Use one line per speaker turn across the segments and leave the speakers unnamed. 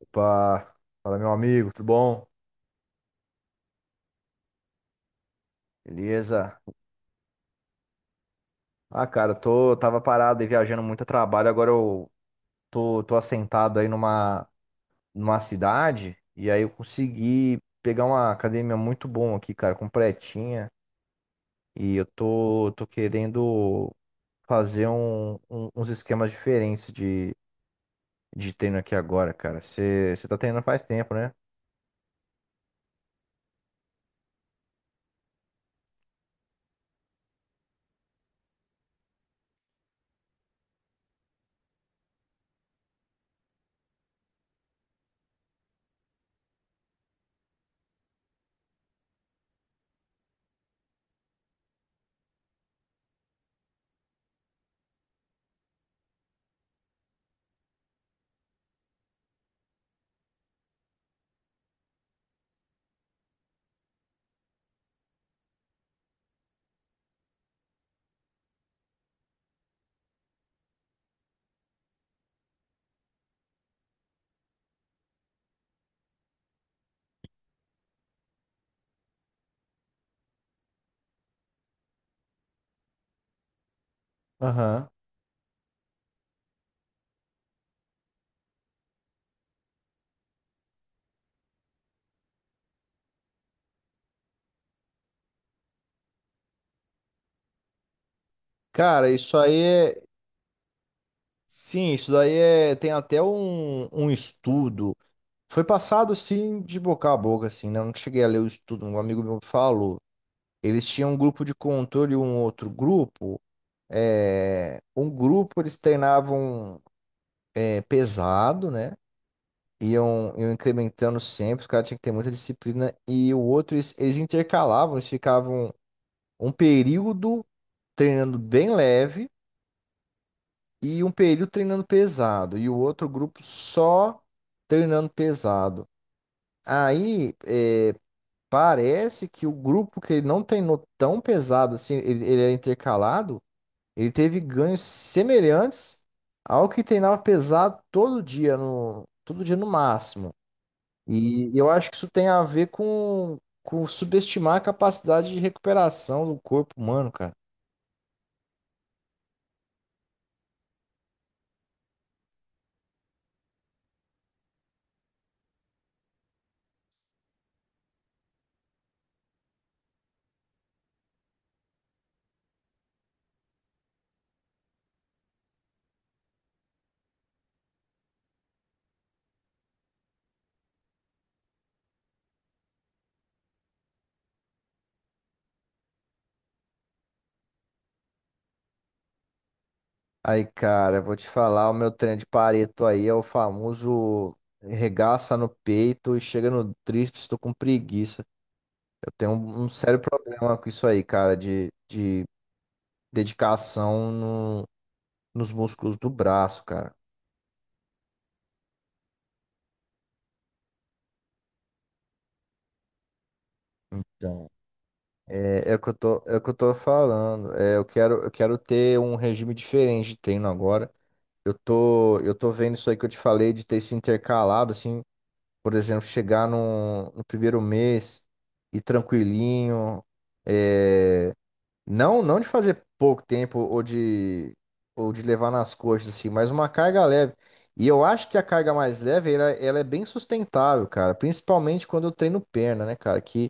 Opa, fala meu amigo, tudo bom? Beleza? Ah, cara, tava parado aí viajando muito a trabalho, agora eu tô assentado aí numa cidade e aí eu consegui pegar uma academia muito bom aqui, cara, completinha e eu tô querendo fazer uns esquemas diferentes de treino aqui agora, cara. Você tá treinando faz tempo, né? Aham. Cara, isso aí é. Sim, isso daí é. Tem até um estudo. Foi passado assim de boca a boca, assim, né? Eu não cheguei a ler o estudo, um amigo meu falou. Eles tinham um grupo de controle e um outro grupo. Um grupo eles treinavam pesado, né? Iam incrementando sempre, os caras tinham que ter muita disciplina. E o outro, eles intercalavam, eles ficavam um período treinando bem leve e um período treinando pesado. E o outro grupo só treinando pesado. Aí parece que o grupo que ele não treinou tão pesado assim, ele era intercalado, ele teve ganhos semelhantes ao que treinava pesado todo dia todo dia no máximo. E eu acho que isso tem a ver com subestimar a capacidade de recuperação do corpo humano, cara. Aí, cara, eu vou te falar, o meu treino de Pareto aí é o famoso regaça no peito e chega no tríceps, tô com preguiça. Eu tenho um sério problema com isso aí, cara, de dedicação no, nos músculos do braço, cara. Então, É, é o que eu tô, é o que eu tô falando. É, eu quero ter um regime diferente de treino agora. Eu tô vendo isso aí que eu te falei de ter se intercalado, assim, por exemplo, chegar no primeiro mês e tranquilinho. é, Não, não de fazer pouco tempo ou de levar nas coxas, assim, mas uma carga leve. E eu acho que a carga mais leve, ela é bem sustentável, cara. Principalmente quando eu treino perna, né, cara? Que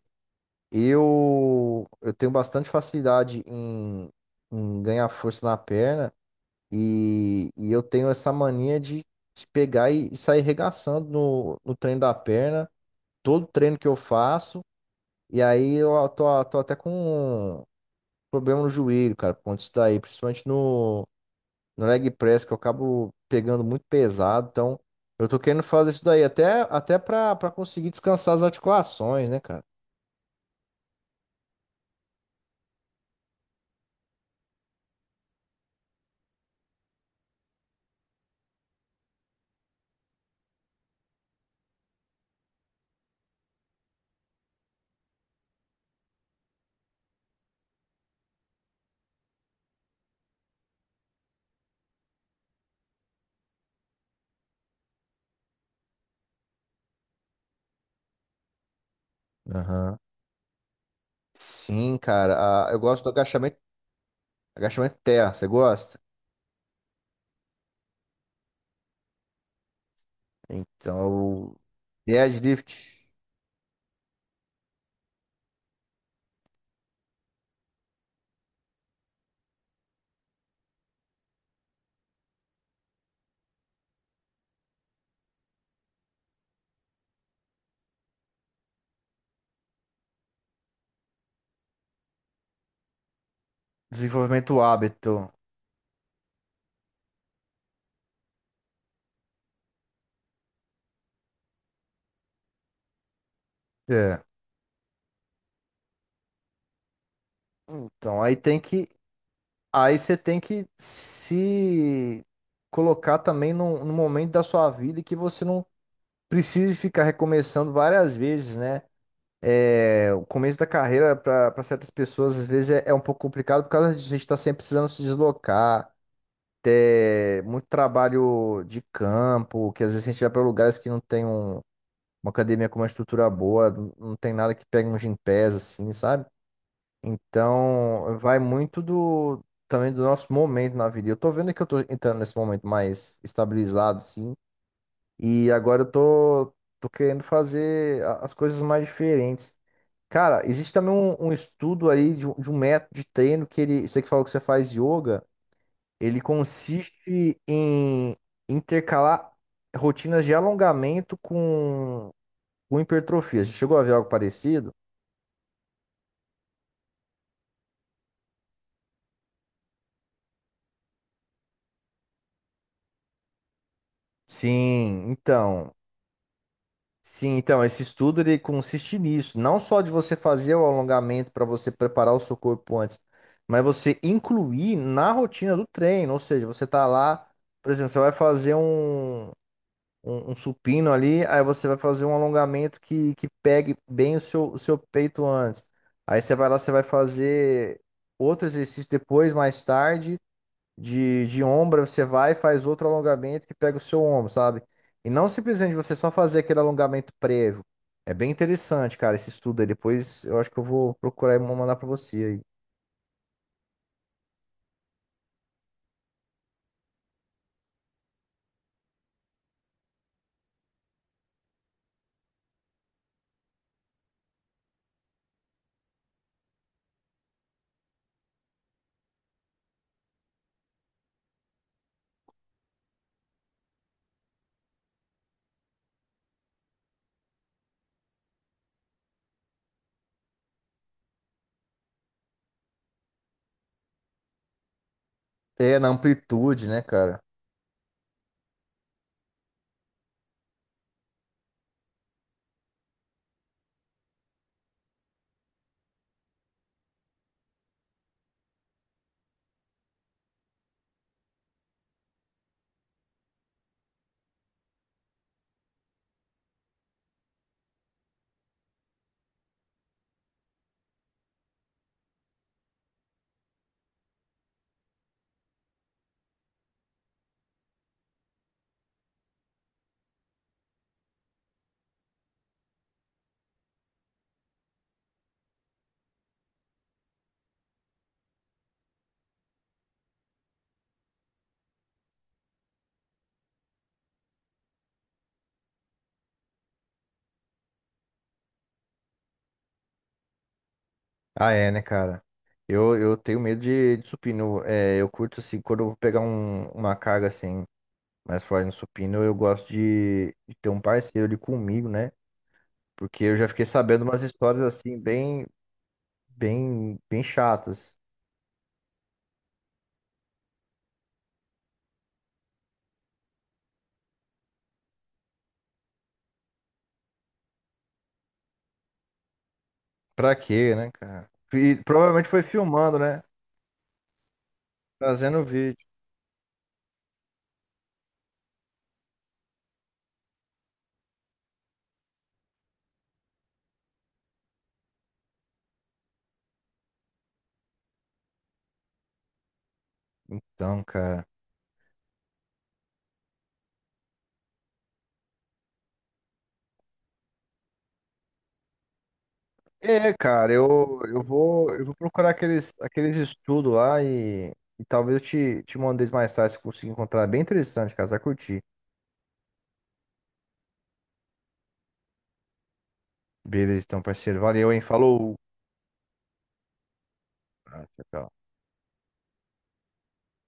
eu tenho bastante facilidade em ganhar força na perna e eu tenho essa mania de pegar e sair regaçando no treino da perna, todo treino que eu faço. E aí tô até com problema no joelho, cara, por conta disso daí, principalmente no leg press, que eu acabo pegando muito pesado, então eu tô querendo fazer isso daí até pra, pra conseguir descansar as articulações, né, cara? Aham. Sim, cara, eu gosto do agachamento, agachamento terra, você gosta? Então, o deadlift, desenvolvimento do hábito. É. Então, aí você tem que se colocar também num momento da sua vida que você não precise ficar recomeçando várias vezes, né? É, o começo da carreira para certas pessoas às vezes é um pouco complicado por causa disso. A gente está sempre precisando se deslocar, ter muito trabalho de campo, que às vezes a gente vai para lugares que não tem uma academia com uma estrutura boa, não tem nada que pegue um gympass assim, sabe? Então vai muito do também do nosso momento na vida. Eu tô vendo que eu tô entrando nesse momento mais estabilizado, assim. E agora tô querendo fazer as coisas mais diferentes. Cara, existe também um estudo aí de um método de treino que ele, você que falou que você faz yoga, ele consiste em intercalar rotinas de alongamento com hipertrofia. Você chegou a ver algo parecido? Sim, então. Sim, então, esse estudo ele consiste nisso, não só de você fazer o alongamento para você preparar o seu corpo antes, mas você incluir na rotina do treino, ou seja, você tá lá, por exemplo, você vai fazer um supino ali, aí você vai fazer um alongamento que pegue bem o seu peito antes. Aí você vai lá, você vai fazer outro exercício depois, mais tarde, de ombro, você vai e faz outro alongamento que pega o seu ombro, sabe? E não simplesmente você só fazer aquele alongamento prévio. É bem interessante, cara, esse estudo aí. Depois eu acho que eu vou procurar e vou mandar pra você aí. É, na amplitude, né, cara? Ah, é, né, cara? Eu tenho medo de supino. É, eu curto, assim, quando eu vou pegar uma carga, assim, mais forte no supino, eu gosto de ter um parceiro ali comigo, né? Porque eu já fiquei sabendo umas histórias, assim, bem chatas. Pra quê, né, cara? E provavelmente foi filmando, né? Trazendo o vídeo. Então, cara. É, cara, eu vou procurar aqueles estudos lá e talvez te mande eles mais tarde se eu conseguir encontrar. É bem interessante, cara. Você vai curtir. Beleza, então, parceiro. Valeu, hein? Falou. Ah, tchau, tchau.